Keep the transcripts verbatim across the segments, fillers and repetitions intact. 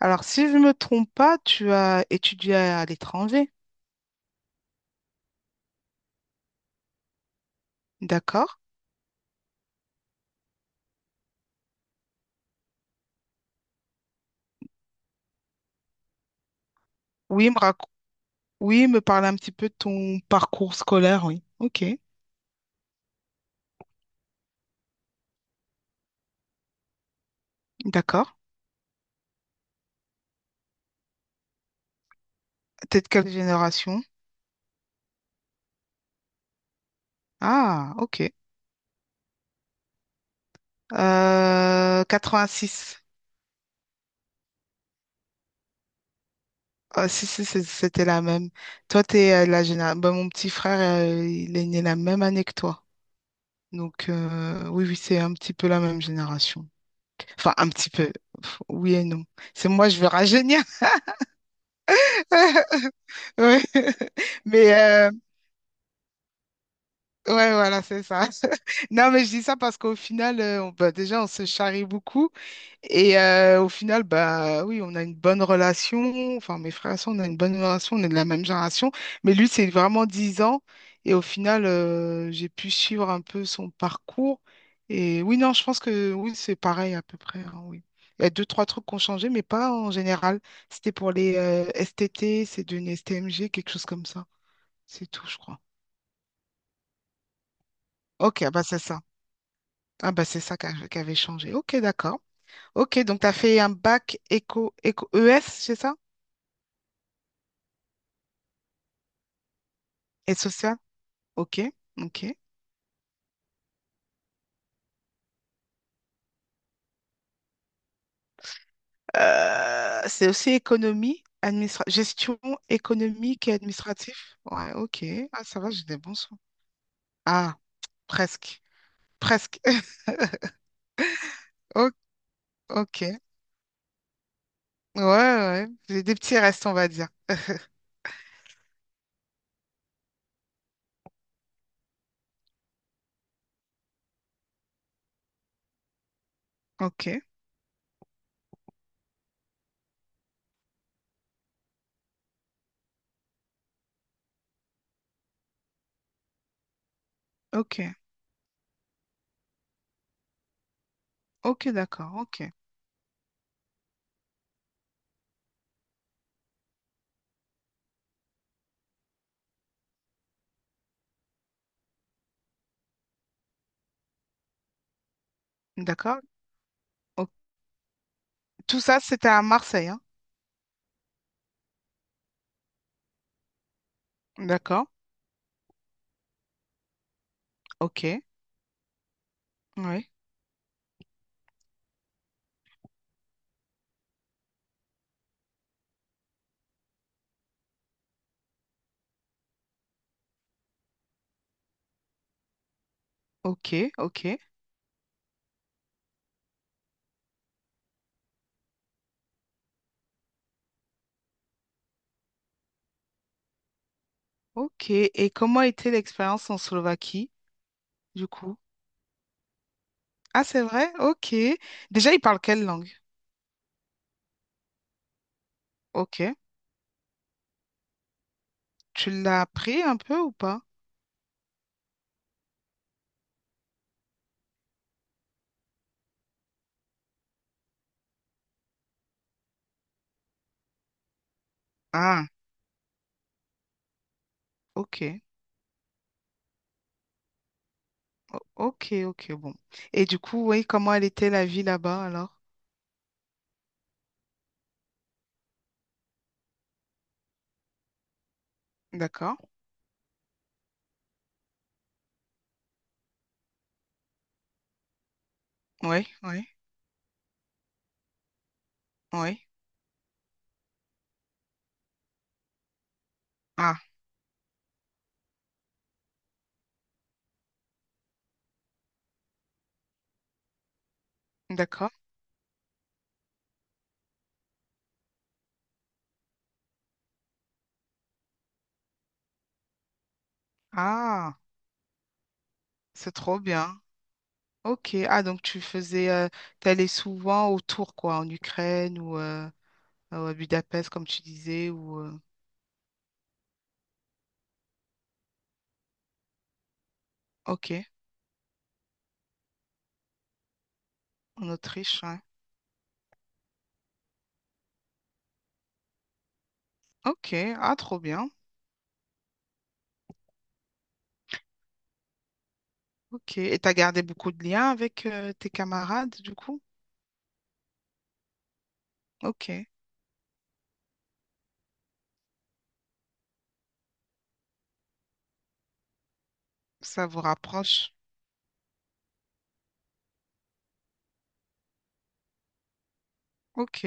Alors, si je me trompe pas, tu as étudié à, à l'étranger, d'accord? Oui, me rac- oui, me parle un petit peu de ton parcours scolaire, oui. Ok, d'accord. T'es de quelle génération? Ah, ok. Euh, quatre-vingt-six. Ah, si, si, c'est- c'était la même. Toi, t'es euh, la génération. Mon petit frère, euh, il est né la même année que toi. Donc, euh, oui, oui, c'est un petit peu la même génération. Enfin, un petit peu. Pff, oui et non. C'est moi, je veux rajeunir. Ouais. Mais, euh, ouais, voilà, c'est ça. Non, mais je dis ça parce qu'au final, euh, on, bah, déjà, on se charrie beaucoup. Et euh, au final, bah oui, on a une bonne relation. Enfin, mes frères et sœurs, on a une bonne relation. On est de la même génération. Mais lui, c'est vraiment dix ans. Et au final, euh, j'ai pu suivre un peu son parcours. Et oui, non, je pense que oui, c'est pareil à peu près, hein, oui. Il y a deux, trois trucs qui ont changé, mais pas en général. C'était pour les euh, S T T, c'est devenu S T M G, quelque chose comme ça. C'est tout, je crois. Ok, bah c'est ça. Ah bah c'est ça qu'a- qu'avait changé. Ok, d'accord. Ok, donc tu as fait un bac éco, éco E S, c'est ça? Et social? Ok, ok. Euh, c'est aussi économie, administra gestion économique et administrative. Ouais, ok. Ah, ça va, j'ai des bons sons. Ah, presque. Presque. O- Ok. Ouais, ouais. J'ai des petits restes, on va dire. Ok, ok. Ok, d'accord. Ok. D'accord. O- Tout ça, c'était à Marseille, hein? D'accord. Ok. Oui. Ok, ok. Ok, et comment était l'expérience en Slovaquie, du coup? Ah, c'est vrai? Ok. Déjà, ils parlent quelle langue? Ok. Tu l'as appris un peu ou pas? Ah, ok. Ok, ok, bon. Et du coup, oui, comment elle était la vie là-bas alors? D'accord. Oui, oui, oui. Ah, d'accord. Ah, c'est trop bien. Ok. Ah, donc tu faisais, euh, t'allais souvent autour, quoi, en Ukraine ou euh, à Budapest, comme tu disais, ou... euh, Ok, en Autriche, ouais. Ok, ah, trop bien. Ok, et t'as gardé beaucoup de liens avec euh, tes camarades, du coup? Ok, ça vous rapproche. Ok.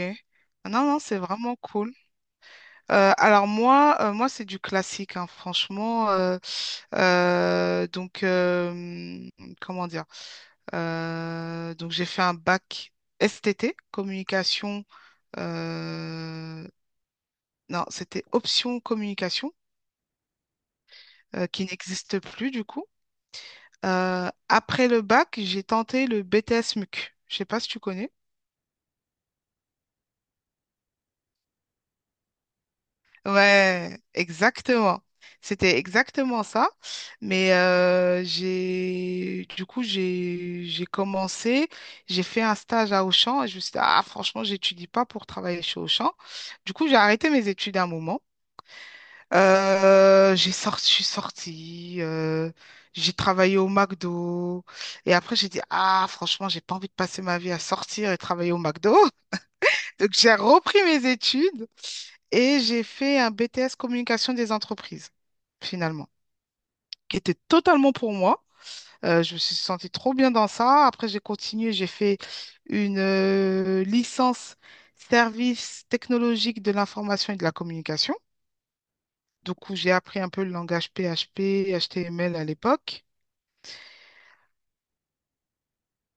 Ah, non, non, c'est vraiment cool. Euh, alors moi, euh, moi c'est du classique, hein, franchement. Euh, euh, donc, euh, comment dire? Euh, donc, j'ai fait un bac S T T, communication. euh, non, c'était option communication, euh, qui n'existe plus du coup. Euh, après le bac, j'ai tenté le B T S M U C. Je sais pas si tu connais. Ouais, exactement. C'était exactement ça. Mais euh, j'ai du coup j'ai j'ai commencé, j'ai fait un stage à Auchan et je me suis dit, ah, franchement, j'étudie pas pour travailler chez Auchan. Du coup, j'ai arrêté mes études à un moment. Euh, j'ai sorti, je suis sortie, euh, j'ai travaillé au McDo et après j'ai dit, ah, franchement, j'ai pas envie de passer ma vie à sortir et travailler au McDo. Donc, j'ai repris mes études et j'ai fait un B T S communication des entreprises, finalement, qui était totalement pour moi. Euh, je me suis sentie trop bien dans ça. Après, j'ai continué, j'ai fait une euh, licence service technologique de l'information et de la communication. Donc, où j'ai appris un peu le langage P H P, H T M L à l'époque.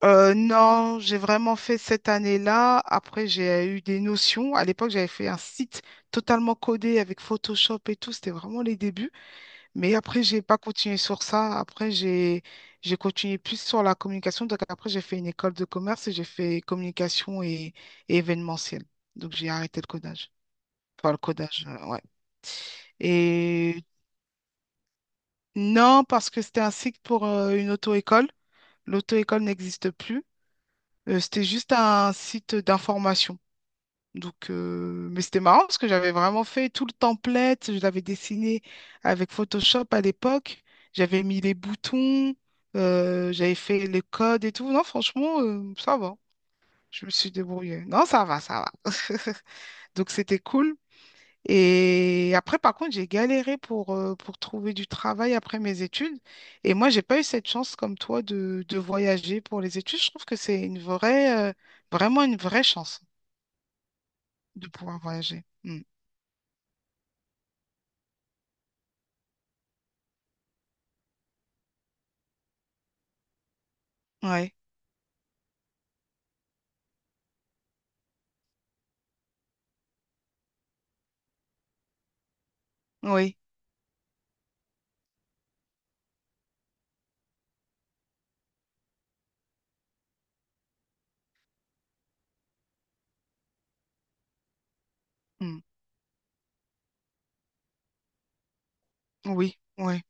Euh, non, j'ai vraiment fait cette année-là. Après, j'ai eu des notions. À l'époque, j'avais fait un site totalement codé avec Photoshop et tout. C'était vraiment les débuts. Mais après, j'ai pas continué sur ça. Après, j'ai j'ai continué plus sur la communication. Donc après, j'ai fait une école de commerce et j'ai fait communication et, et événementiel. Donc j'ai arrêté le codage. Enfin, le codage, euh, ouais. Et non, parce que c'était un site pour euh, une auto-école. L'auto-école n'existe plus. Euh, c'était juste un site d'information. Donc, euh, mais c'était marrant parce que j'avais vraiment fait tout le template, je l'avais dessiné avec Photoshop à l'époque, j'avais mis les boutons, euh, j'avais fait les codes et tout. Non, franchement, euh, ça va, je me suis débrouillée. Non, ça va, ça va. Donc, c'était cool. Et après, par contre, j'ai galéré pour, euh, pour trouver du travail après mes études. Et moi, j'ai pas eu cette chance comme toi de, de voyager pour les études. Je trouve que c'est une vraie, euh, vraiment une vraie chance de pouvoir voyager. Mm. Ouais. Oui, mm, oui, oui.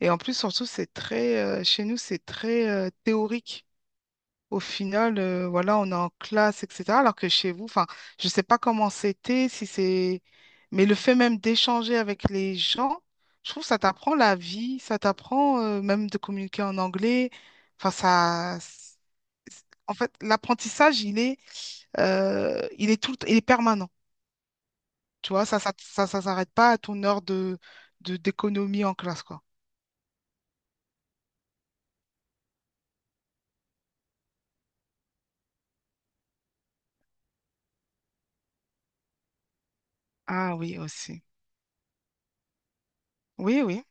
Et en plus, surtout, c'est très, euh, chez nous, c'est très euh, théorique. Au final, euh, voilà, on est en classe, et cetera. Alors que chez vous, enfin, je sais pas comment c'était, si c'est, mais le fait même d'échanger avec les gens, je trouve que ça t'apprend la vie, ça t'apprend euh, même de communiquer en anglais. Enfin, ça, c- en fait, l'apprentissage, il est euh, il est tout, le t- il est permanent. Tu vois, ça, ça, ça, ça s'arrête pas à ton heure de, de, d'économie en classe, quoi. Ah oui, aussi. Oui, oui,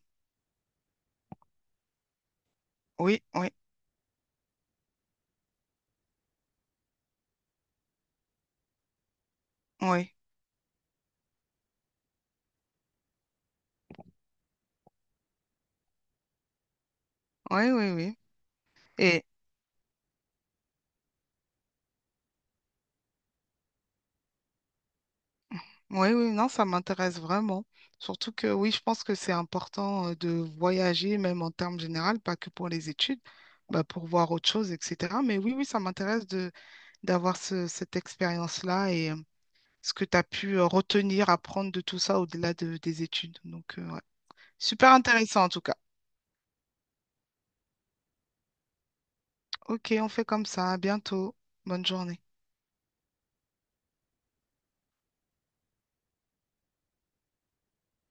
oui, oui, oui, oui, oui, oui. Et oui, oui, non, ça m'intéresse vraiment. Surtout que oui, je pense que c'est important euh, de voyager, même en termes généraux, pas que pour les études, bah, pour voir autre chose, et cetera. Mais oui, oui, ça m'intéresse de d'avoir ce- cette expérience-là et euh, ce que tu as pu euh, retenir, apprendre de tout ça au-delà de- des études. Donc, euh, ouais. Super intéressant en tout cas. Ok, on fait comme ça. À bientôt. Bonne journée.